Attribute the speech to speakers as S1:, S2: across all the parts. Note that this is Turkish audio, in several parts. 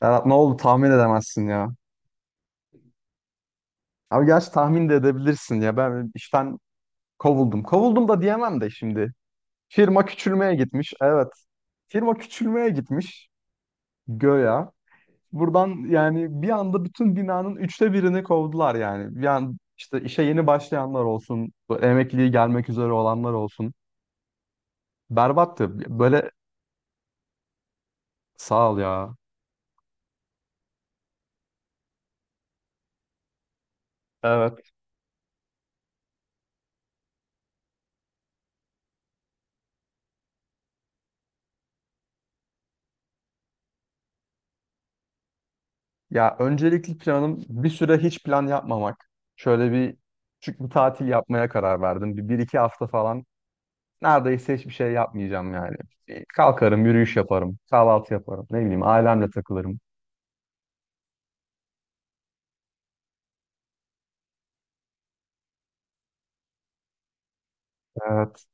S1: Serhat ne oldu tahmin edemezsin ya. Abi gerçi tahmin de edebilirsin ya. Ben işten kovuldum. Kovuldum da diyemem de şimdi. Firma küçülmeye gitmiş. Evet. Firma küçülmeye gitmiş. Göya. Buradan yani bir anda bütün binanın üçte birini kovdular yani. Yani işte işe yeni başlayanlar olsun, bu emekliliği gelmek üzere olanlar olsun. Berbattı. Böyle sağ ol ya. Evet. Ya öncelikli planım bir süre hiç plan yapmamak. Şöyle bir küçük bir tatil yapmaya karar verdim. Bir iki hafta falan neredeyse hiçbir şey yapmayacağım yani. Bir kalkarım, yürüyüş yaparım, kahvaltı yaparım. Ne bileyim ailemle takılırım. Evet.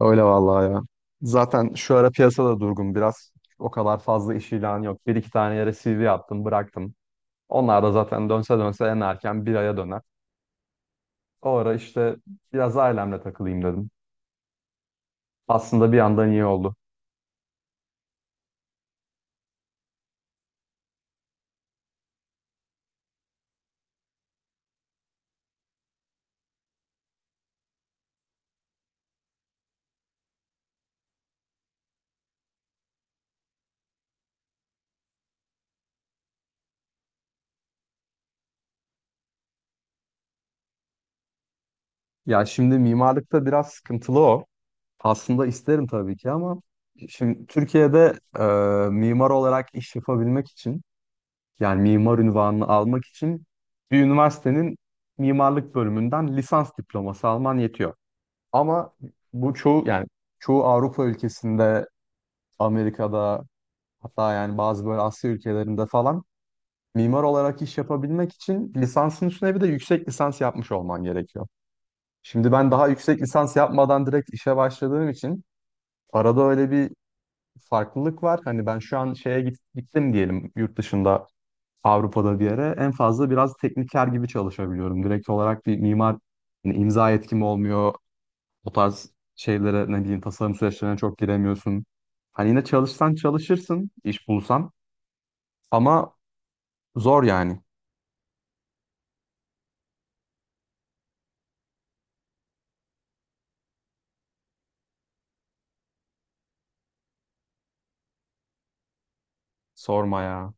S1: Öyle vallahi ya. Zaten şu ara piyasada durgun biraz. O kadar fazla iş ilanı yok. Bir iki tane yere CV yaptım, bıraktım. Onlar da zaten dönse dönse en erken bir aya döner. O ara işte biraz ailemle takılayım dedim. Aslında bir yandan iyi oldu. Ya şimdi mimarlıkta biraz sıkıntılı o. Aslında isterim tabii ki ama şimdi Türkiye'de mimar olarak iş yapabilmek için yani mimar unvanını almak için bir üniversitenin mimarlık bölümünden lisans diploması alman yetiyor. Ama bu çoğu yani çoğu Avrupa ülkesinde, Amerika'da hatta yani bazı böyle Asya ülkelerinde falan mimar olarak iş yapabilmek için lisansın üstüne bir de yüksek lisans yapmış olman gerekiyor. Şimdi ben daha yüksek lisans yapmadan direkt işe başladığım için arada öyle bir farklılık var. Hani ben şu an şeye gittim diyelim, yurt dışında Avrupa'da bir yere en fazla biraz tekniker gibi çalışabiliyorum. Direkt olarak bir mimar hani imza yetkim olmuyor. O tarz şeylere ne diyeyim, tasarım süreçlerine çok giremiyorsun. Hani yine çalışsan çalışırsın, iş bulsan ama zor yani. Sorma ya.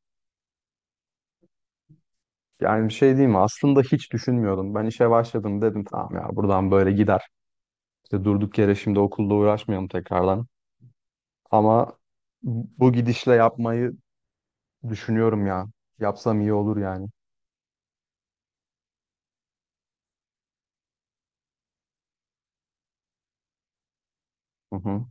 S1: Yani bir şey diyeyim mi? Aslında hiç düşünmüyordum. Ben işe başladım dedim, tamam ya buradan böyle gider. İşte durduk yere şimdi okulla uğraşmayalım tekrardan. Ama bu gidişle yapmayı düşünüyorum ya. Yapsam iyi olur yani. Hı hı.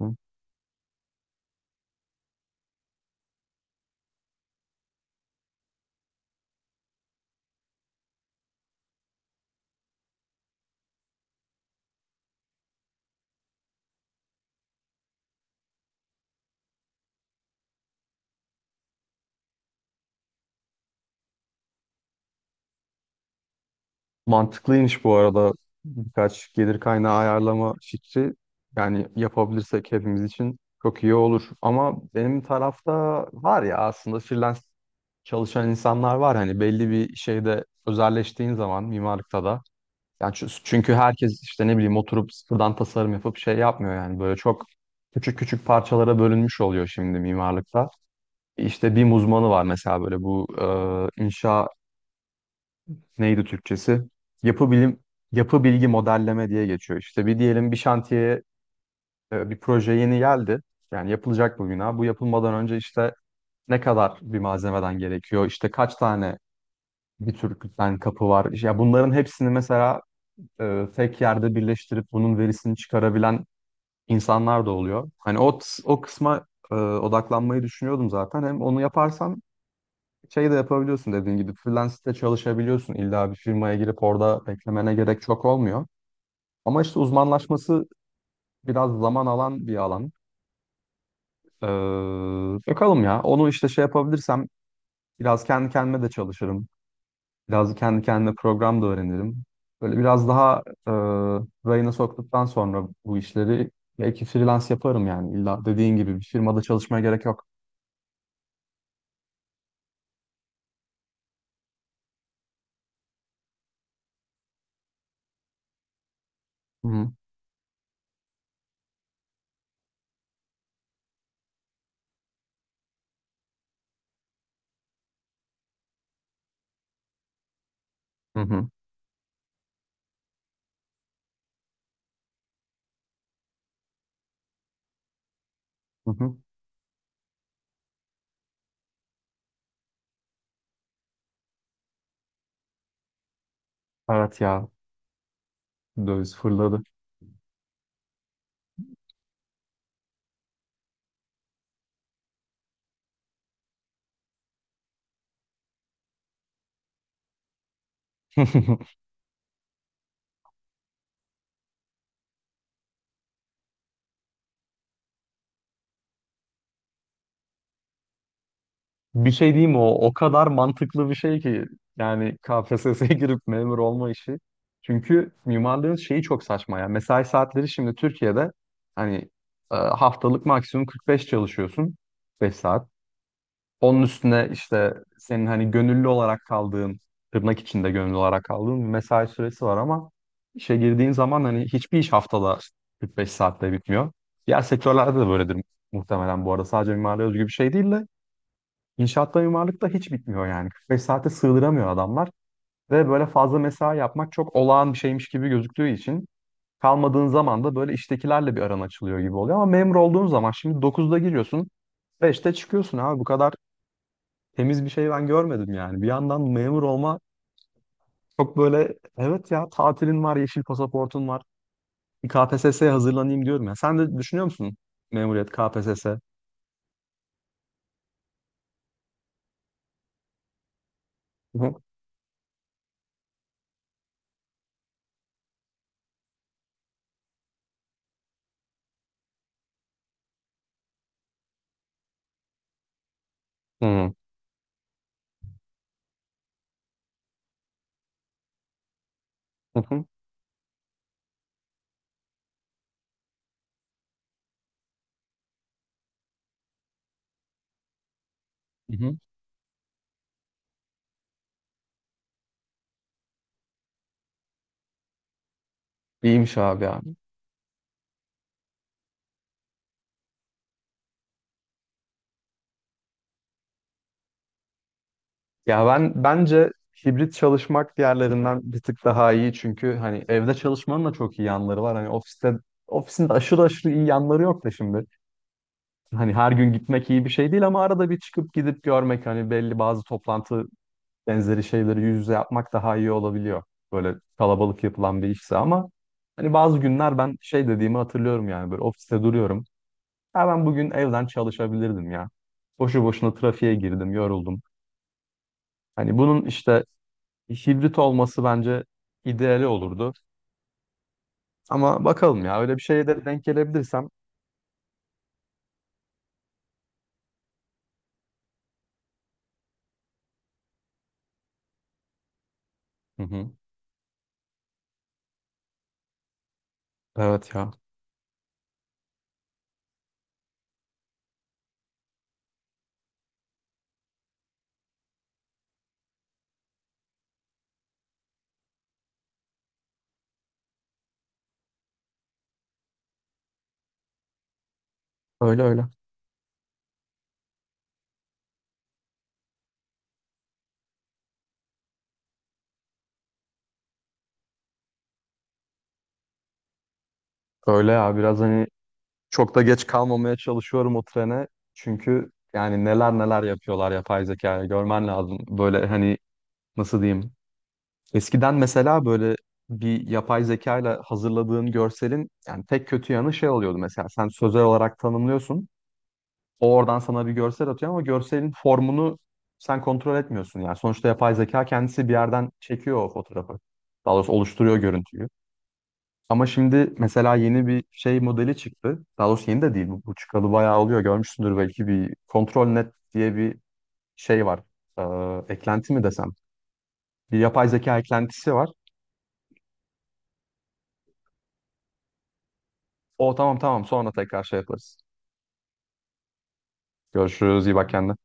S1: Hı. Mantıklıymış bu arada birkaç gelir kaynağı ayarlama fikri. Yani yapabilirsek hepimiz için çok iyi olur. Ama benim tarafta var ya, aslında freelance çalışan insanlar var. Hani belli bir şeyde özelleştiğin zaman mimarlıkta da. Yani, çünkü herkes işte ne bileyim oturup sıfırdan tasarım yapıp şey yapmıyor yani, böyle çok küçük küçük parçalara bölünmüş oluyor şimdi mimarlıkta. İşte BİM uzmanı var mesela, böyle bu inşa, neydi Türkçesi? Yapı bilim yapı bilgi modelleme diye geçiyor. İşte bir diyelim, bir şantiye, bir proje yeni geldi. Yani yapılacak bu bina. Bu yapılmadan önce işte ne kadar bir malzemeden gerekiyor? İşte kaç tane bir tür kütlen kapı var? Ya bunların hepsini mesela tek yerde birleştirip bunun verisini çıkarabilen insanlar da oluyor. Hani o kısma odaklanmayı düşünüyordum zaten. Hem onu yaparsan şey de yapabiliyorsun dediğin gibi, freelance'de çalışabiliyorsun. İlla bir firmaya girip orada beklemene gerek çok olmuyor. Ama işte uzmanlaşması biraz zaman alan bir alan. Ee, bakalım ya. Onu işte şey yapabilirsem biraz kendi kendime de çalışırım. Biraz kendi kendime program da öğrenirim. Böyle biraz daha rayına soktuktan sonra bu işleri belki freelance yaparım yani. İlla dediğin gibi bir firmada çalışmaya gerek yok. Hı hı. Hı hı. Hı hı. Evet ya, döviz fırladı. Bir şey diyeyim mi? O kadar mantıklı bir şey ki yani KPSS'ye girip memur olma işi. Çünkü mimarlığın şeyi çok saçma ya. Mesai saatleri şimdi Türkiye'de hani haftalık maksimum 45 çalışıyorsun 5 saat. Onun üstüne işte senin hani gönüllü olarak kaldığın, tırnak içinde gönüllü olarak kaldığın bir mesai süresi var, ama işe girdiğin zaman hani hiçbir iş haftada 45 saatte bitmiyor. Diğer sektörlerde de böyledir muhtemelen bu arada. Sadece mimariye özgü bir şey değil de inşaatta, mimarlıkta hiç bitmiyor yani. 45 saate sığdıramıyor adamlar ve böyle fazla mesai yapmak çok olağan bir şeymiş gibi gözüktüğü için kalmadığın zaman da böyle iştekilerle bir aran açılıyor gibi oluyor. Ama memur olduğun zaman şimdi 9'da giriyorsun, 5'te çıkıyorsun abi, bu kadar temiz bir şey ben görmedim yani. Bir yandan memur olma çok böyle, evet ya, tatilin var, yeşil pasaportun var. Bir KPSS'ye hazırlanayım diyorum ya. Sen de düşünüyor musun memuriyet, KPSS? Hı hı. Hı hı. Hı hı. İyiymiş abi ya. Ya ben bence hibrit çalışmak diğerlerinden bir tık daha iyi, çünkü hani evde çalışmanın da çok iyi yanları var. Hani ofisin de aşırı aşırı iyi yanları yok da şimdi. Hani her gün gitmek iyi bir şey değil ama arada bir çıkıp gidip görmek, hani belli bazı toplantı benzeri şeyleri yüz yüze yapmak daha iyi olabiliyor. Böyle kalabalık yapılan bir işse. Ama hani bazı günler ben şey dediğimi hatırlıyorum yani, böyle ofiste duruyorum. Ha, ben bugün evden çalışabilirdim ya. Boşu boşuna trafiğe girdim, yoruldum. Hani bunun işte hibrit olması bence ideali olurdu. Ama bakalım ya, öyle bir şeye de denk gelebilirsem. Hı hı. Evet ya. Öyle öyle. Öyle ya, biraz hani çok da geç kalmamaya çalışıyorum o trene. Çünkü yani neler neler yapıyorlar yapay zekaya, görmen lazım. Böyle hani nasıl diyeyim? Eskiden mesela böyle bir yapay zeka ile hazırladığın görselin yani tek kötü yanı şey oluyordu, mesela sen sözel olarak tanımlıyorsun. O oradan sana bir görsel atıyor ama görselin formunu sen kontrol etmiyorsun. Yani sonuçta yapay zeka kendisi bir yerden çekiyor o fotoğrafı. Daha doğrusu oluşturuyor görüntüyü. Ama şimdi mesela yeni bir şey modeli çıktı. Daha doğrusu yeni de değil. Bu çıkalı bayağı oluyor. Görmüşsündür belki, bir Control net diye bir şey var. Eklenti mi desem? Bir yapay zeka eklentisi var. O tamam, tamam, sonra tekrar şey yaparız. Görüşürüz. İyi bak kendine.